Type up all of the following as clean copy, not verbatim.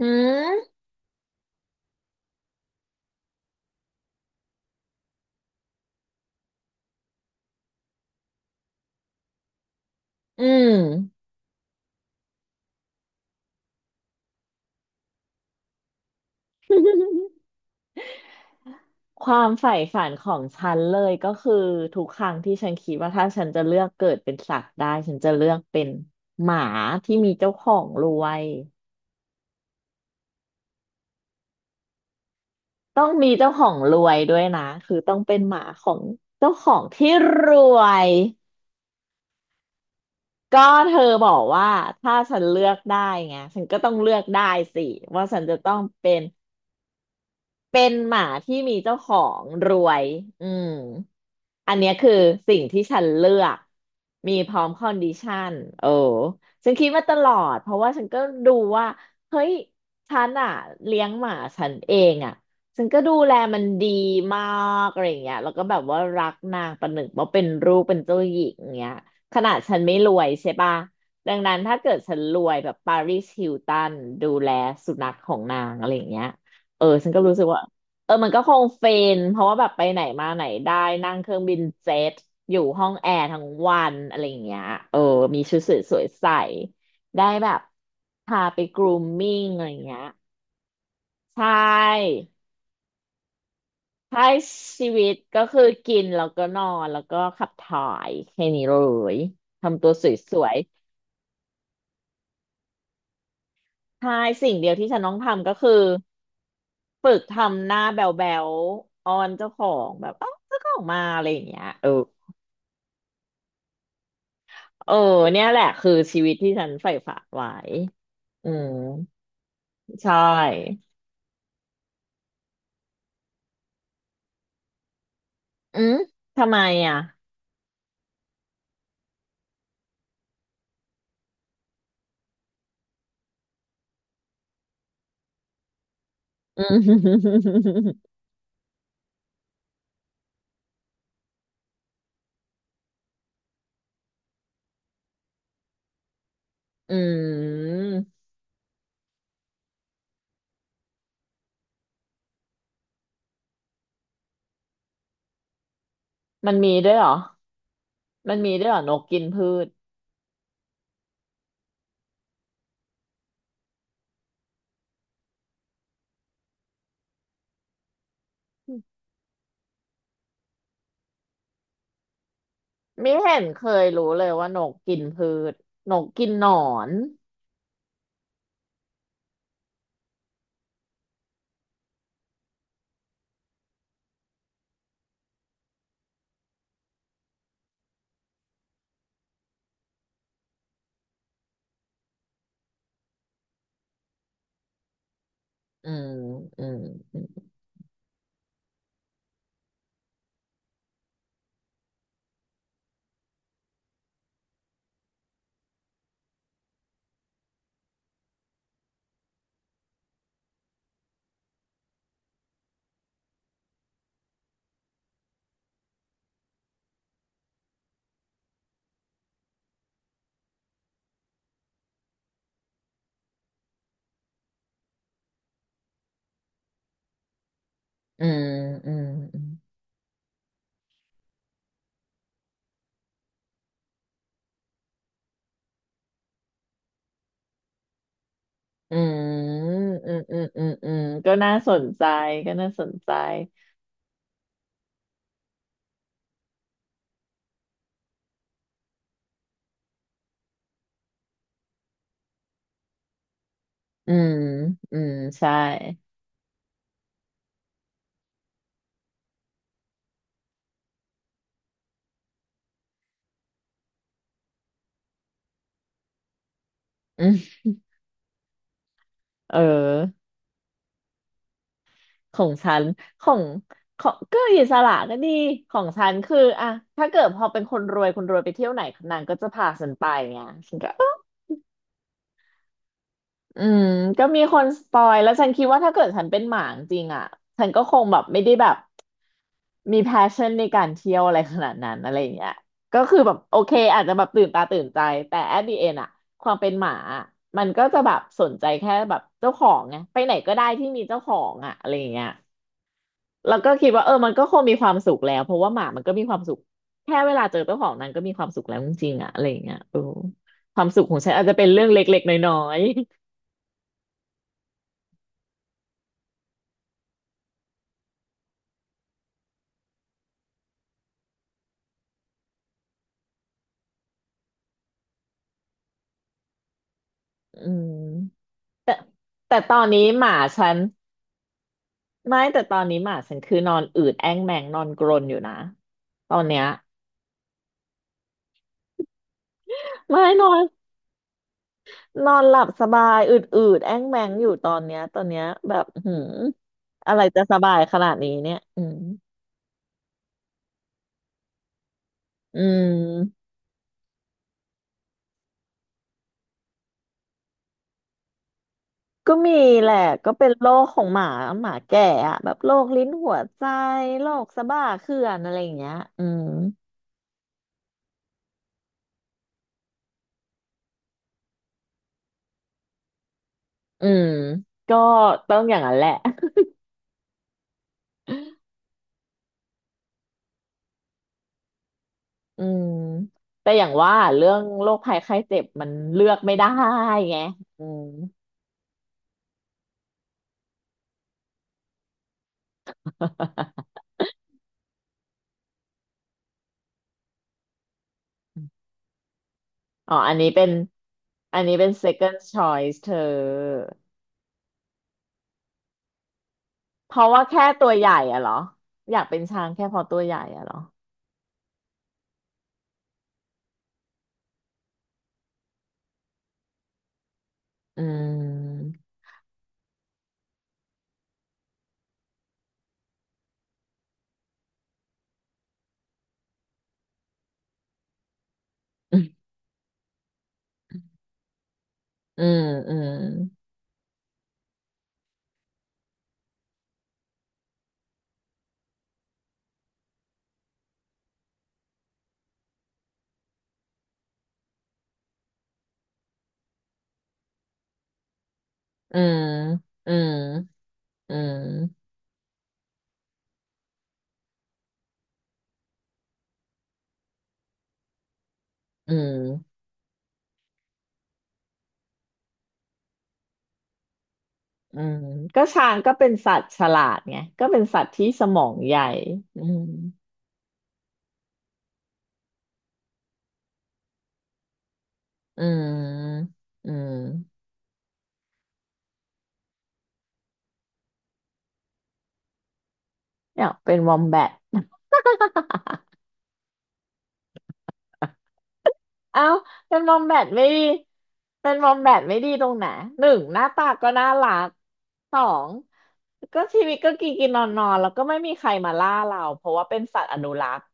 อืม อืม ความใฝ่ฝันของฉันเลยก็คือทุกครั้งที่ฉันคิดว่าถ้าฉันจะเลือกเกิดเป็นสัตว์ได้ฉันจะเลือกเป็นหมาที่มีเจ้าของรวยต้องมีเจ้าของรวยด้วยนะคือต้องเป็นหมาของเจ้าของที่รวยก็เธอบอกว่าถ้าฉันเลือกได้ไงฉันก็ต้องเลือกได้สิว่าฉันจะต้องเป็น เป็นหมาที่มีเจ้าของรวยอืมอันเนี้ยคือสิ่งที่ฉันเลือก มีพร้อมคอนดิชันโอ้ฉันคิดมาตลอดเพราะว่าฉันก็ดูว่า เฮ้ยฉันอะเลี้ยงหมาฉันเองอะฉันก็ดูแลมันดีมากอะไรอย่างเงี้ยแล้วก็แบบว่ารักนางประหนึ่งว่าเป็นลูกเป็นเจ้าหญิงอย่างเงี้ยขนาดฉันไม่รวยใช่ปะดังนั้นถ้าเกิดฉันรวยแบบปาริสฮิลตันดูแลสุนัขของนางอะไรอย่างเงี้ย เออฉันก็รู้สึกว่าเออมันก็คงเฟนเพราะว่าแบบไปไหนมาไหนได้นั่งเครื่องบินเจ็ตอยู่ห้องแอร์ทั้งวันอะไรอย่างเงี้ยเออมีชุดสวยสวยใส่ได้แบบพาไปกรูมมิ่งอะไรอย่างเงี้ยใช่ใช้ชีวิตก็คือกินแล้วก็นอนแล้วก็ขับถ่ายแค่นี้เลยทำตัวสวยๆใช่สิ่งเดียวที่ฉันต้องทำก็คือฝึกทำหน้าแบ๋วๆอ้อนเจ้าของแบบเอ้าเจ้าของมาอะไรอย่างเงี้ยเออ เออเนี่ยแหละคือชีวิตที่ฉันใฝ่ฝันไว้อืมใช่อืมทำไมอ่ะอืม อืมมันมีด้วยเหรอ มันมีด้วยเหรอนกกินพืชไม่เห็นเคยรู้เลยว่านกกินพืชนกกินหนอนอืมอืมอืมอืมอืมอืมอืมอืมอืมก็น่าสนใจก็น่าสนใจอืมอืมใช่อืมเออ ของฉันของของก็อิสระก็ดีของฉันคืออะถ้าเกิดพอเป็นคนรวยคนรวยไปเที่ยวไหนนางก็จะพาฉันไปไงฉันก็อืมก็มีคนสปอยแล้วฉันคิดว่าถ้าเกิดฉันเป็นหมาจริงๆอะฉันก็คงแบบไม่ได้แบบมี passion ในการเที่ยวอะไรขนาดนั้นอะไรอย่างเงี้ยก็คือแบบโอเคอาจจะแบบตื่นตาตื่นใจแต่ at the end อะความเป็นหมาอะมันก็จะแบบสนใจแค่แบบเจ้าของไงไปไหนก็ได้ที่มีเจ้าของอะอะไรอย่างเงี้ย แล้วก็คิดว่าเออมันก็คงมีความสุขแล้วเพราะว่าหมามันก็มีความสุขแค่เวลาเจอเจ้าของนั้นก็มีความสุขแล้วจริงๆอะอะไรอย่างเงี้ยเออความสุขของฉันอาจจะเป็นเรื่องเล็กๆน้อยๆ อืมแต่ตอนนี้หมาฉันไม่แต่ตอนนี้หมาฉันคือนอนอืดแอ้งแมงนอนกรนอยู่นะตอนเนี้ยไม่นอนนอนหลับสบายอืดอืดแอ้งแมงอยู่ตอนเนี้ยตอนเนี้ยแบบหืมอะไรจะสบายขนาดนี้เนี่ยอืมอืม ก็มีแหละก็เป็นโรคของหมาหมาแก่อะแบบโรคลิ้นหัวใจโรคสะบ้าเขื่อนอะไรอย่างเงี้ยอืมอืมก็ต้องอย่างนั้นแหละอืมแต่อย่างว่าเรื่องโรคภัยไข้เจ็บมันเลือกไม่ได้ไงอืม อ๋ออันนี้เป็นอันนี้เป็น second choice เธอเพราะว่าแค่ตัวใหญ่อะเหรออยากเป็นช้างแค่เพราะตัวใหญ่อะเหรออืม อืมอืม อืมอืมอืมอืมอืมก็ช้างก็เป็นสัตว์ฉลาดไงก็เป็นสัตว์ที่สมองใหญ่อืมอืมอืมเนี่ยเป็นวอมแบท เอ้าเป็นมอมแบทไม่ดีเป็นมอมแบทไม่ดีตรงไหนหนึ่งหน้าตาก็น่ารักสองก็ชีวิตก็กินกินนอนนอนแล้วก็ไม่มีใครมาล่าเราเพราะว่าเป็นสัตว์อนุรักษ์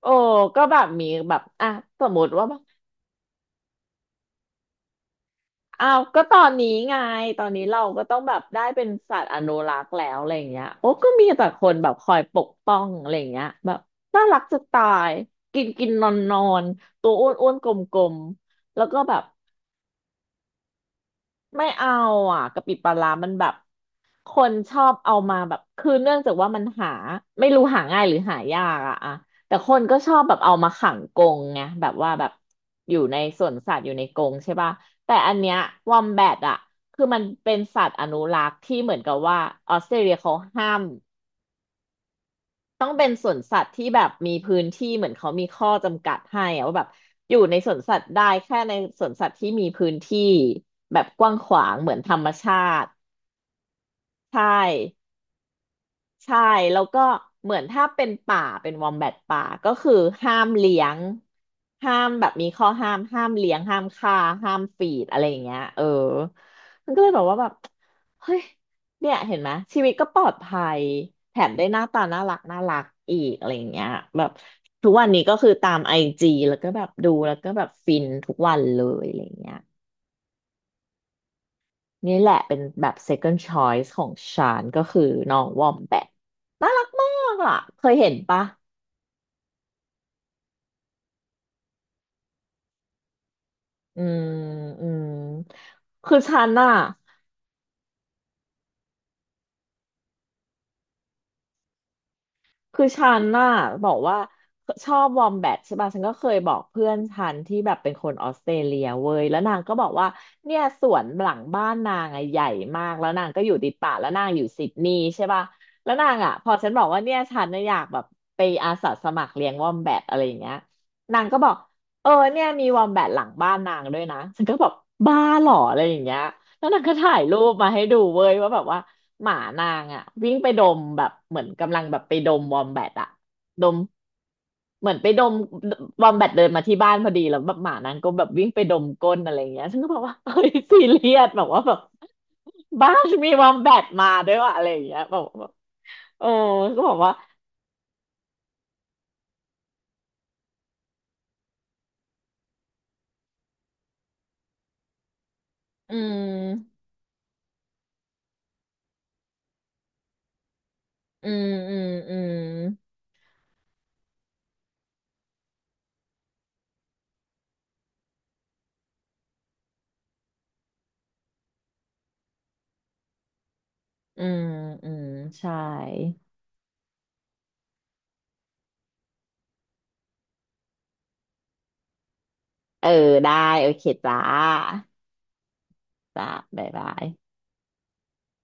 โอ้ก็แบบมีแบบอ่ะสมมติว่า อ้าวก็ตอนนี้ไงตอนนี้เราก็ต้องแบบได้เป็นสัตว์อนุรักษ์แล้วอะไรอย่างเงี้ยโอ้ก็มีแต่คนแบบคอยปกป้องอะไรอย่างเงี้ยแบบน่ารักจะตายกินกินนอนนอนตัวอ้วนอ้วนกลมกลมๆแล้วก็แบบไม่เอาอ่ะกะปิปลาร้ามันแบบ คนชอบเอามาแบบคือเนื่องจากว่ามันหาไม่รู้หาง่ายหรือหายากอะอะแต่คนก็ชอบแบบเอามาขังกรงไงแบบว่าแบบอยู่ในสวนสัตว์อยู่ในกรงใช่ป่ะแต่อันเนี้ยวอมแบทอะคือมันเป็นสัตว์อนุรักษ์ที่เหมือนกับว่าออสเตรเลียเขาห้ามต้องเป็นสวนสัตว์ที่แบบมีพื้นที่เหมือนเขามีข้อจำกัดให้อะว่าแบบอยู่ในสวนสัตว์ได้แค่ในสวนสัตว์ที่มีพื้นที่แบบกว้างขวางเหมือนธรรมชาติใช่ ใช่แล้วก็เหมือนถ้าเป็นป่าเป็นวอมแบทป่าก็คือห้ามเลี้ยงห้ามแบบมีข้อห้ามห้ามเลี้ยงห้ามฆ่าห้ามฟีดอะไรอย่างเงี้ยเออมันก็เลยแบบว่าแบบเฮ้ยเนี่ยเห็นไหมชีวิตก็ปลอดภัยแถมได้หน้าตาน่ารักน่ารักอีกอะไรอย่างเงี้ยแบบทุกวันนี้ก็คือตามไอจีแล้วก็แบบดูแล้วก็แบบฟินทุกวันเลยอะไรอย่างเงี้ย นี่แหละเป็นแบบ second choice ของฉันก็คือน้องวอมแบทน่ารักมากอ่ะเคยเห็นปะอืมอืมคือฉันอ่ะ คือฉันบอกว่าชอบวอมแบทใช่ป่ะฉันก็เคยบอกเพื่อนฉันที่แบบเป็นคนออสเตรเลียเว้ยแล้วนางก็บอกว่าเนี่ยสวนหลังบ้านนางอะใหญ่มาก แล้วนางก็อยู่ติดป่าแล้วนางอยู่ซิดนีย์ใช่ป่ะแล้วนางอะพอฉันบอกว่าเนี่ยฉันน่ะอยากแบบไปอาสาสมัครเลี้ยงวอมแบทอะไรอย่างเงี้ยนางก็บอกเออเนี่ยมีวอมแบทหลังบ้านนางด้วยนะฉันก็บอกบ้าเหรออะไรอย่างเงี้ย แล้วนางก็ถ่ายรูปมาให้ดูเว้ยว่าแบบว่าหมานางอ่ะวิ่งไปดมแบบเหมือนกำลังแบบไปดมวอมแบทอะดมเหมือนไปดมวอมแบทเดินมาที่บ้านพอดีแล้วแบบหมานางก็แบบวิ่งไปดมก้นอะไรอย่างเงี้ยฉันก็บอกว่าเฮ้ยซีเรียสแบบว่าแบบบ้านมีวอมแบทมาด้วยวะอะไรอย่างเงี้ยแบบโอ้ก็บอกว่าอืมอืมอืมอืมอืมอืมใช่เออได้โอเคจ้าจ้าบ๊ายบาย